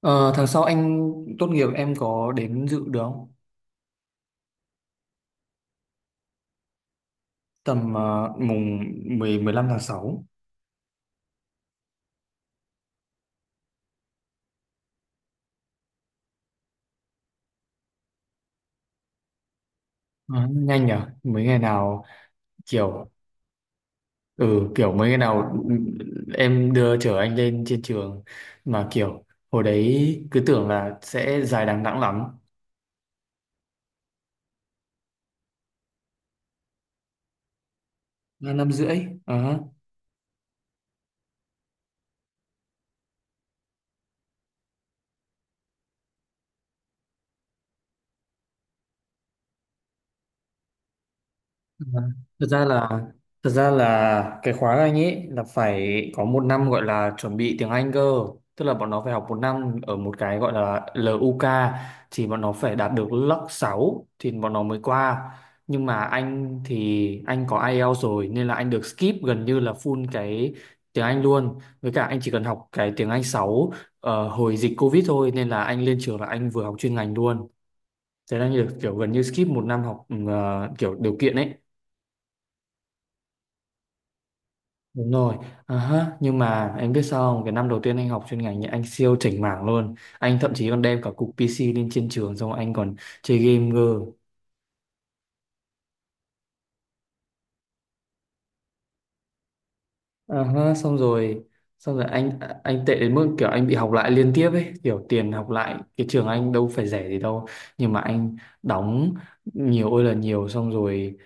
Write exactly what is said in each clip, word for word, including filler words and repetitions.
Ờ, Tháng sau anh tốt nghiệp em có đến dự được không? Tầm ờ, mùng mười mười lăm tháng sáu. Ờ, nhanh nhở? Mấy ngày nào kiểu ừ kiểu mấy ngày nào em đưa chở anh lên trên trường, mà kiểu hồi đấy cứ tưởng là sẽ dài đằng đẵng lắm. Là năm rưỡi. Ờ. Vâng. Thực ra là thực ra là cái khóa Anh ấy là phải có một năm gọi là chuẩn bị tiếng Anh cơ, tức là bọn nó phải học một năm ở một cái gọi là lờ u ca, thì bọn nó phải đạt được lớp sáu thì bọn nó mới qua. Nhưng mà anh thì anh có IELTS rồi nên là anh được skip gần như là full cái tiếng Anh luôn, với cả anh chỉ cần học cái tiếng Anh sáu ờ, hồi dịch Covid thôi, nên là anh lên trường là anh vừa học chuyên ngành luôn. Thế là như kiểu gần như skip một năm học, ừ, ờ, kiểu điều kiện ấy. Đúng rồi. À ha, nhưng mà em biết sao không? Cái năm đầu tiên anh học chuyên ngành nhé, anh siêu chảnh mảng luôn. Anh thậm chí còn đem cả cục pê xê lên trên trường xong anh còn chơi game cơ. À ha, xong rồi, xong rồi anh anh tệ đến mức kiểu anh bị học lại liên tiếp ấy, kiểu tiền học lại cái trường anh đâu phải rẻ gì đâu, nhưng mà anh đóng nhiều ơi là nhiều. xong rồi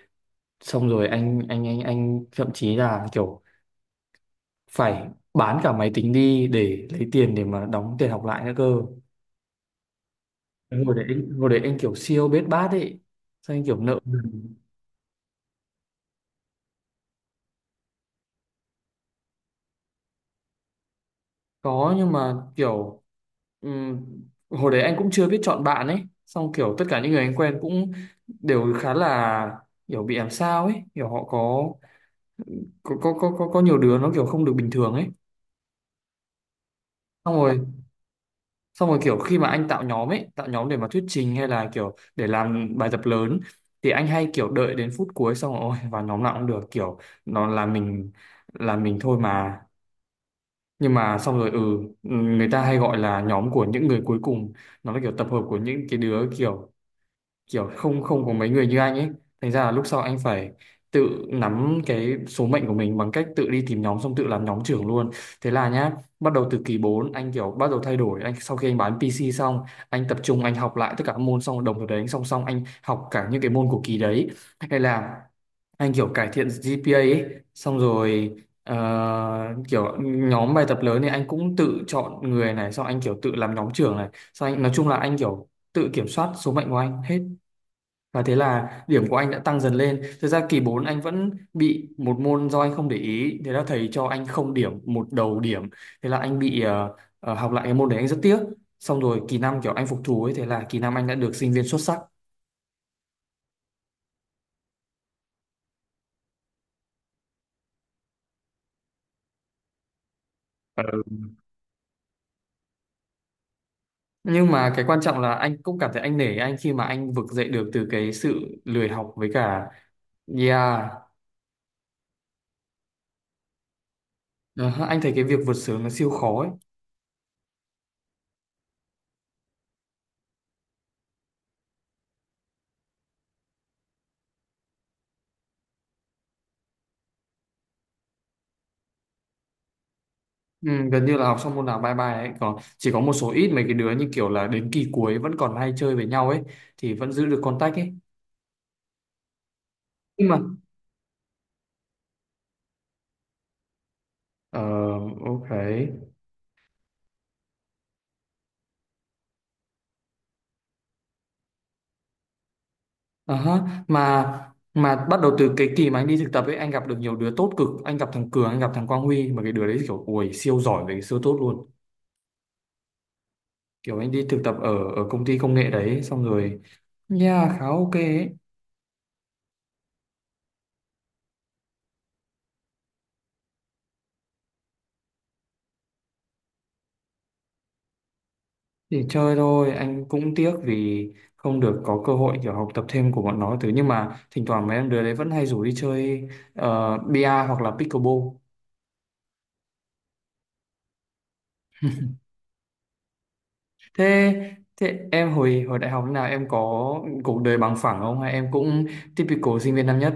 xong rồi anh anh anh anh thậm chí là kiểu phải bán cả máy tính đi để lấy tiền để mà đóng tiền học lại nữa cơ. Hồi đấy anh hồi đấy anh kiểu siêu bết bát ấy, sao anh kiểu nợ nần. Có, nhưng mà kiểu ừm, hồi đấy anh cũng chưa biết chọn bạn ấy, xong kiểu tất cả những người anh quen cũng đều khá là kiểu bị làm sao ấy, kiểu họ có có có có có, có nhiều đứa nó kiểu không được bình thường ấy. Xong rồi xong rồi kiểu khi mà anh tạo nhóm ấy, tạo nhóm để mà thuyết trình hay là kiểu để làm bài tập lớn, thì anh hay kiểu đợi đến phút cuối, xong rồi ôi vào nhóm nào cũng được, kiểu nó là mình, là mình thôi mà. Nhưng mà xong rồi, ừ người ta hay gọi là nhóm của những người cuối cùng, nó là kiểu tập hợp của những cái đứa kiểu kiểu không không có mấy người như anh ấy. Thành ra là lúc sau anh phải tự nắm cái số mệnh của mình bằng cách tự đi tìm nhóm, xong tự làm nhóm trưởng luôn. Thế là nhá, bắt đầu từ kỳ bốn anh kiểu bắt đầu thay đổi, anh sau khi anh bán pê xê xong, anh tập trung anh học lại tất cả các môn, xong đồng thời đấy anh song song anh học cả những cái môn của kỳ đấy, hay là anh kiểu cải thiện giê pê a ấy, xong rồi. ờ, Kiểu nhóm bài tập lớn thì anh cũng tự chọn người này, xong anh kiểu tự làm nhóm trưởng này, xong anh nói chung là anh kiểu tự kiểm soát số mệnh của anh hết. Và thế là điểm của anh đã tăng dần lên. Thực ra kỳ bốn anh vẫn bị một môn do anh không để ý. Thế là thầy cho anh không điểm, một đầu điểm. Thế là anh bị ờ, ờ, học lại cái môn đấy, anh rất tiếc. Xong rồi kỳ năm kiểu anh phục thù ấy. Thế là kỳ năm anh đã được sinh viên xuất sắc. Ờ. Nhưng mà cái quan trọng là anh cũng cảm thấy anh nể anh khi mà anh vực dậy được từ cái sự lười học với cả. Yeah. Ờ, anh thấy cái việc vượt sướng nó siêu khó ấy. Ừ, gần như là học xong môn nào bye bye ấy, còn chỉ có một số ít mấy cái đứa như kiểu là đến kỳ cuối vẫn còn hay chơi với nhau ấy thì vẫn giữ được contact ấy, nhưng mà ờ ok. Ờ ha. mà mà bắt đầu từ cái kỳ mà anh đi thực tập ấy, anh gặp được nhiều đứa tốt cực, anh gặp thằng Cường, anh gặp thằng Quang Huy, mà cái đứa đấy kiểu ui siêu giỏi về, siêu tốt luôn. Kiểu anh đi thực tập ở ở công ty công nghệ đấy xong rồi, yeah, khá ok ấy. Thì chơi thôi, anh cũng tiếc vì không được có cơ hội kiểu học tập thêm của bọn nó thứ, nhưng mà thỉnh thoảng mấy em đứa đấy vẫn hay rủ đi chơi, ờ, bia hoặc là pickleball. Thế, thế em hồi hồi đại học thế nào, em có cuộc đời bằng phẳng không hay em cũng typical sinh viên năm nhất?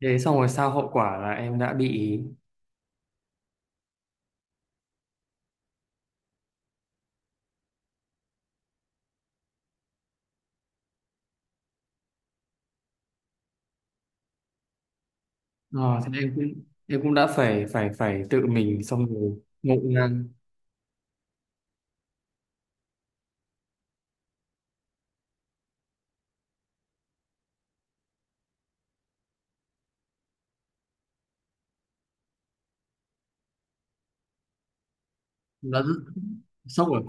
Thế xong rồi sao, hậu quả là em đã bị. ờ, Thế em cũng, em cũng đã phải phải phải tự mình xong rồi ngộ ngang. Đã rất sốc rồi.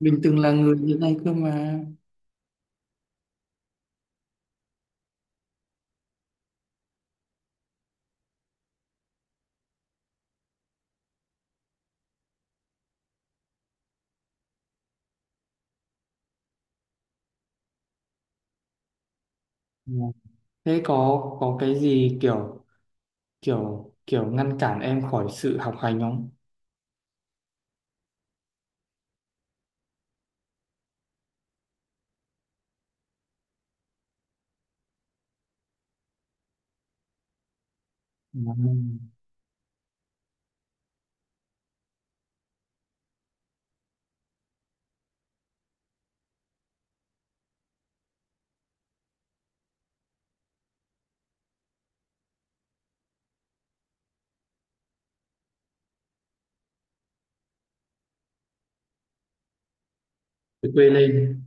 Mình từng là người như này cơ mà. Ờ. Thế có, có cái gì kiểu kiểu kiểu ngăn cản em khỏi sự học hành không? Nó. Phải quê lên.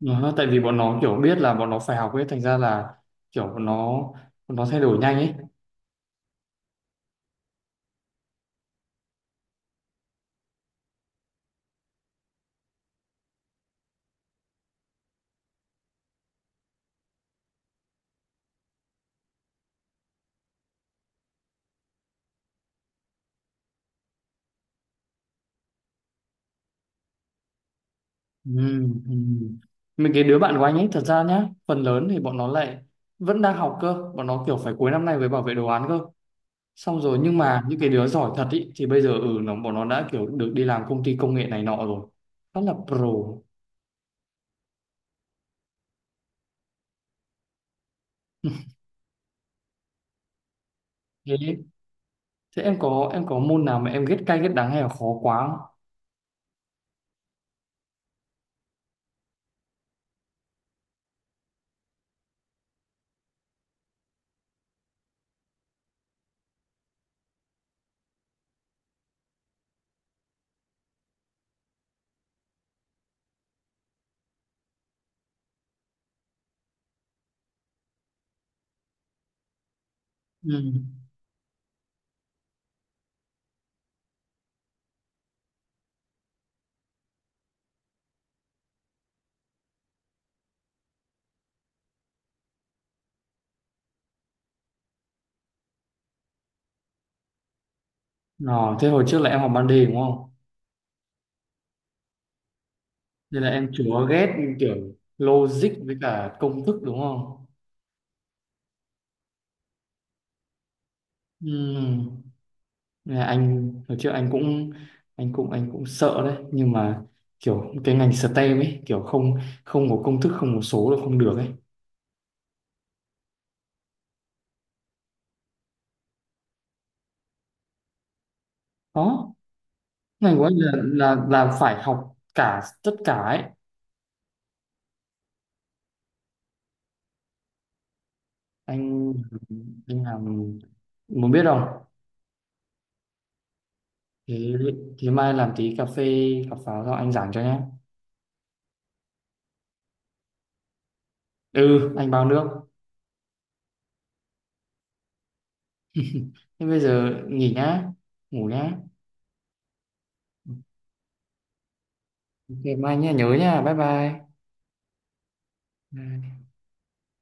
Nó, tại vì bọn nó kiểu biết là bọn nó phải học ấy, thành ra là kiểu bọn nó bọn nó thay đổi nhanh ấy. Ừ, ừ. Mấy cái đứa bạn của anh ấy thật ra nhá, phần lớn thì bọn nó lại vẫn đang học cơ, bọn nó kiểu phải cuối năm nay mới bảo vệ đồ án cơ. Xong rồi nhưng mà những cái đứa giỏi thật ý, thì bây giờ ừ nó bọn nó đã kiểu được đi làm công ty công nghệ này nọ rồi. Rất là pro. Thế Thế em có, em có môn nào mà em ghét cay ghét đắng hay là khó quá không? Ừ. Nó, thế hồi trước là em học ban đề đúng không? Nên là em chúa ghét kiểu logic với cả công thức đúng không? Ừ. Nên là anh hồi trước anh cũng anh cũng anh cũng sợ đấy, nhưng mà kiểu cái ngành STEM ấy kiểu không không có công thức, không có số là không được ấy. Đó, ngành của anh là là là phải học cả tất cả ấy. Anh anh làm muốn biết không? Thế, thế mai làm tí cà phê, cà pháo xong anh giảng cho nhé. Ừ, anh bao nước. Thế bây giờ nghỉ nhá, ngủ nhá. Ok, mai nhá, nhớ nhá, bye bye. Bye.